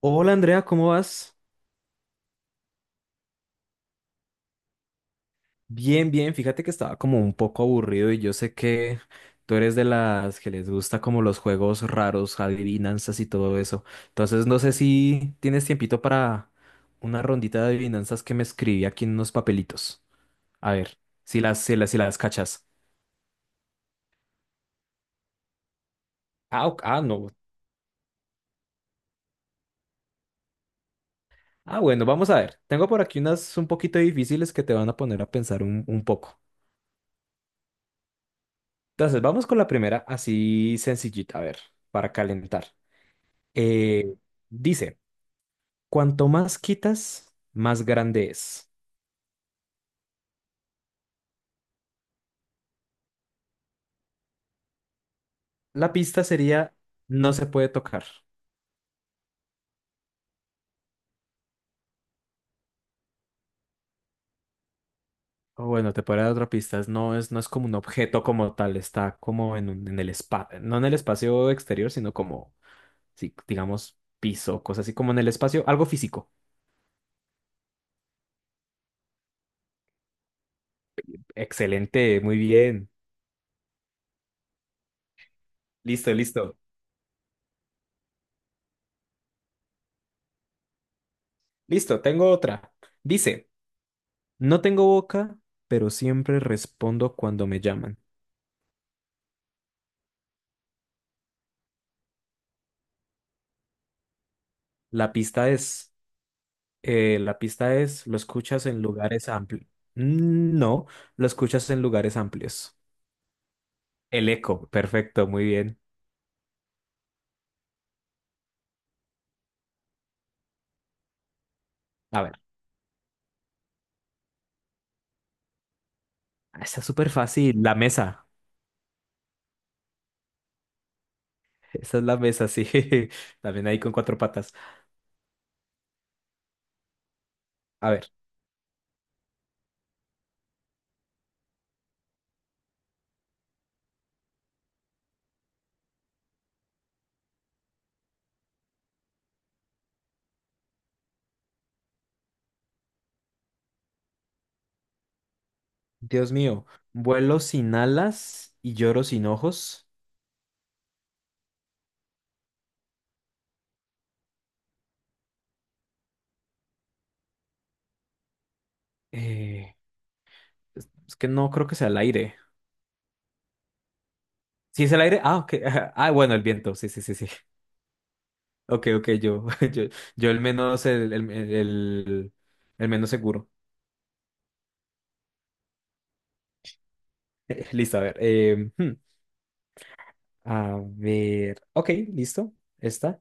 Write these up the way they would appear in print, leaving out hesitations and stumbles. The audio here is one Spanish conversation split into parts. Hola Andrea, ¿cómo vas? Bien, bien. Fíjate que estaba como un poco aburrido y yo sé que tú eres de las que les gusta como los juegos raros, adivinanzas y todo eso. Entonces no sé si tienes tiempito para una rondita de adivinanzas que me escribí aquí en unos papelitos. A ver, si las cachas. Ah, ok, ah, no. Ah, bueno, vamos a ver. Tengo por aquí unas un poquito difíciles que te van a poner a pensar un poco. Entonces, vamos con la primera así sencillita, a ver, para calentar. Eh, dice, cuanto más quitas, más grande es. La pista sería, no se puede tocar. O bueno, te podría dar otra pista. Es No es, no es como un objeto como tal, está como en, en el espacio, no en el espacio exterior, sino como, sí, digamos, piso, cosas así como en el espacio, algo físico. Excelente, muy bien. Listo, listo. Listo, tengo otra. Dice, no tengo boca, pero siempre respondo cuando me llaman. La pista es... la pista es, lo escuchas en lugares amplios. No, lo escuchas en lugares amplios. El eco, perfecto, muy bien. A ver, está súper fácil. La mesa. Esa es la mesa, sí. También ahí con cuatro patas. A ver, Dios mío, vuelo sin alas y lloro sin ojos. Eh, es que no creo que sea el aire. ¿Sí es el aire? Ah, ok. Ah, bueno, el viento. Sí, sí, sí, sí. Ok, ok, yo, yo el menos, el menos seguro. Listo, a ver. A ver. Ok, listo. Está.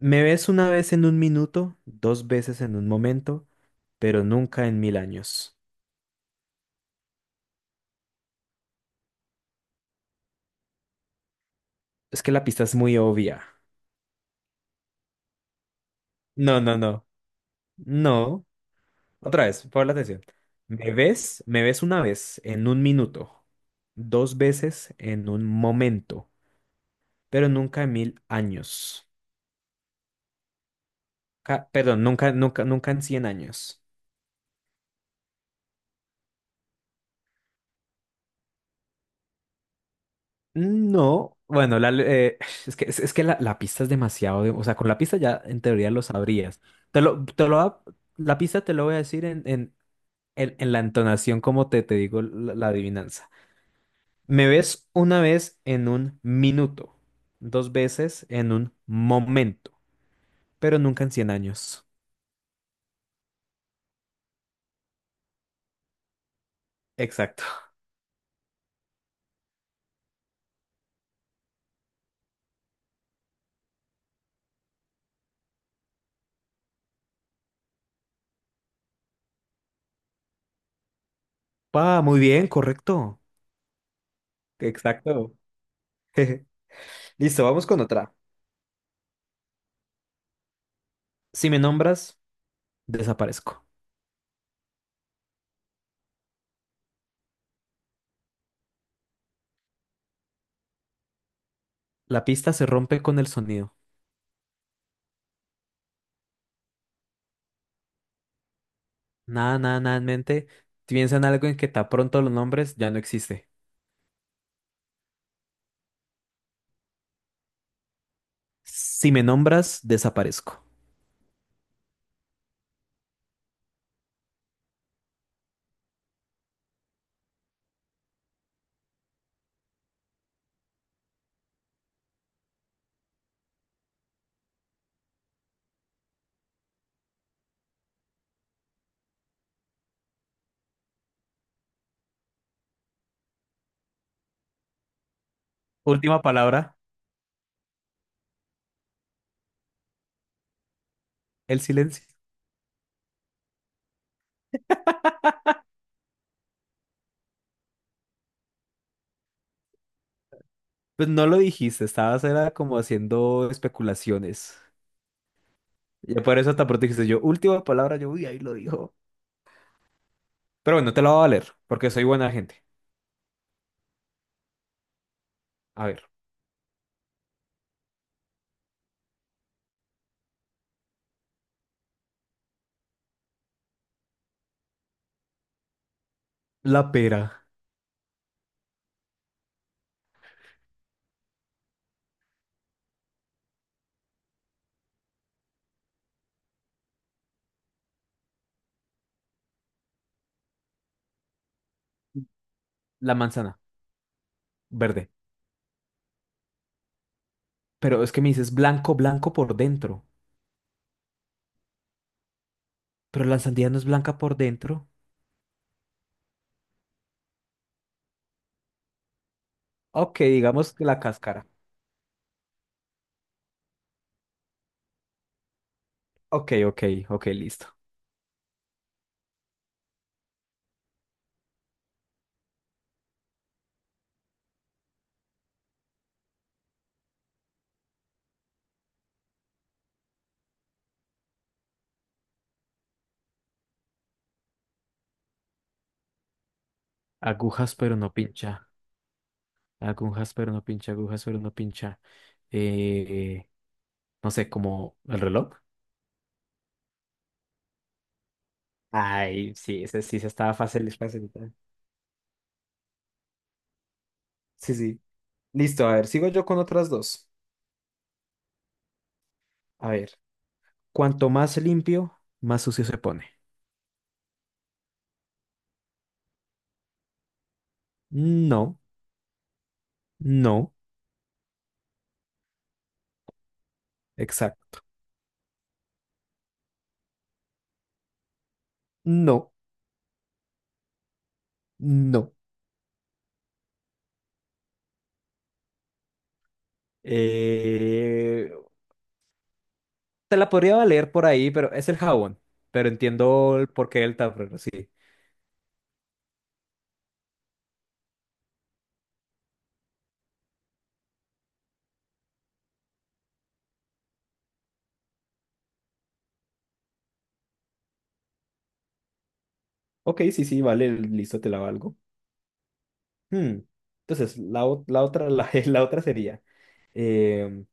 Me ves una vez en un minuto, dos veces en un momento, pero nunca en mil años. Es que la pista es muy obvia. No, no, no. No. Otra vez, por la atención. Me ves una vez en un minuto, dos veces en un momento, pero nunca en mil años. Perdón, nunca en cien años. No, bueno, la eh, es que la pista es demasiado, o sea, con la pista ya en teoría lo sabrías. Te lo, te lo, va- la pista te lo voy a decir en la entonación como te digo la adivinanza. Me ves una vez en un minuto, dos veces en un momento, pero nunca en cien años. Exacto. Ah, muy bien, correcto. Exacto. Listo, vamos con otra. Si me nombras, desaparezco. La pista se rompe con el sonido. Nada, nada, nada en mente. Piensa en algo en que tan pronto los nombres ya no existe. Si me nombras, desaparezco. Última palabra, el silencio. Pues no lo dijiste, estabas era como haciendo especulaciones. Y por eso tan pronto dijiste yo, última palabra, yo, uy, ahí lo dijo. Pero bueno, te la voy a valer, porque soy buena gente. A ver, la pera, la manzana, verde. Pero es que me dices blanco, blanco por dentro. Pero la sandía no es blanca por dentro. Ok, digamos que la cáscara. Ok, ok, ok, listo. Agujas pero no pincha. Agujas pero no pincha. Agujas pero no pincha. Eh, no sé, como el reloj. Ay, sí, ese sí se estaba fácil, es facilita. Sí, sí. Listo, a ver, sigo yo con otras dos. A ver, cuanto más limpio, más sucio se pone. No, no, exacto. No, no. eh, te la podría valer por ahí, pero es el jabón. Pero entiendo el porqué del tablero, sí. Ok, sí, sí, vale, listo, te la valgo. Hmm. Entonces, la otra, la otra sería, em,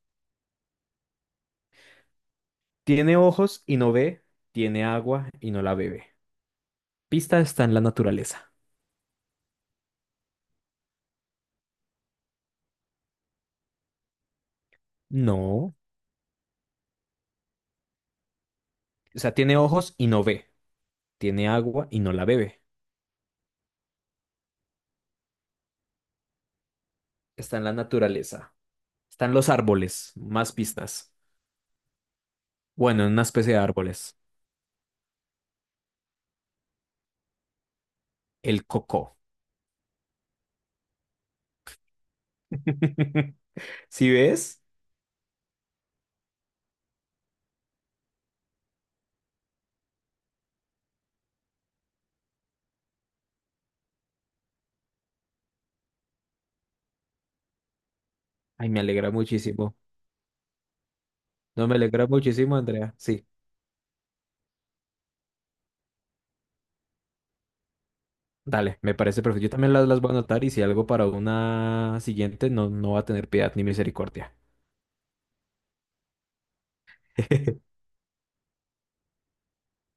tiene ojos y no ve, tiene agua y no la bebe. Pista está en la naturaleza. No. O sea, tiene ojos y no ve, tiene agua y no la bebe. Está en la naturaleza. Están los árboles, más pistas. Bueno, en una especie de árboles. El coco. ¿Sí ves? Ay, me alegra muchísimo. No, me alegra muchísimo, Andrea. Sí. Dale, me parece perfecto. Yo también las voy a anotar y si algo para una siguiente, no, no va a tener piedad ni misericordia.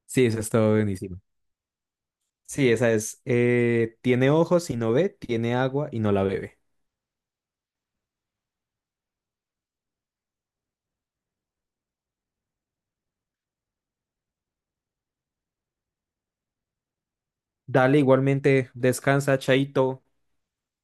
Sí, eso está buenísimo. Sí, esa es. Tiene ojos y no ve, tiene agua y no la bebe. Dale, igualmente, descansa, Chaito.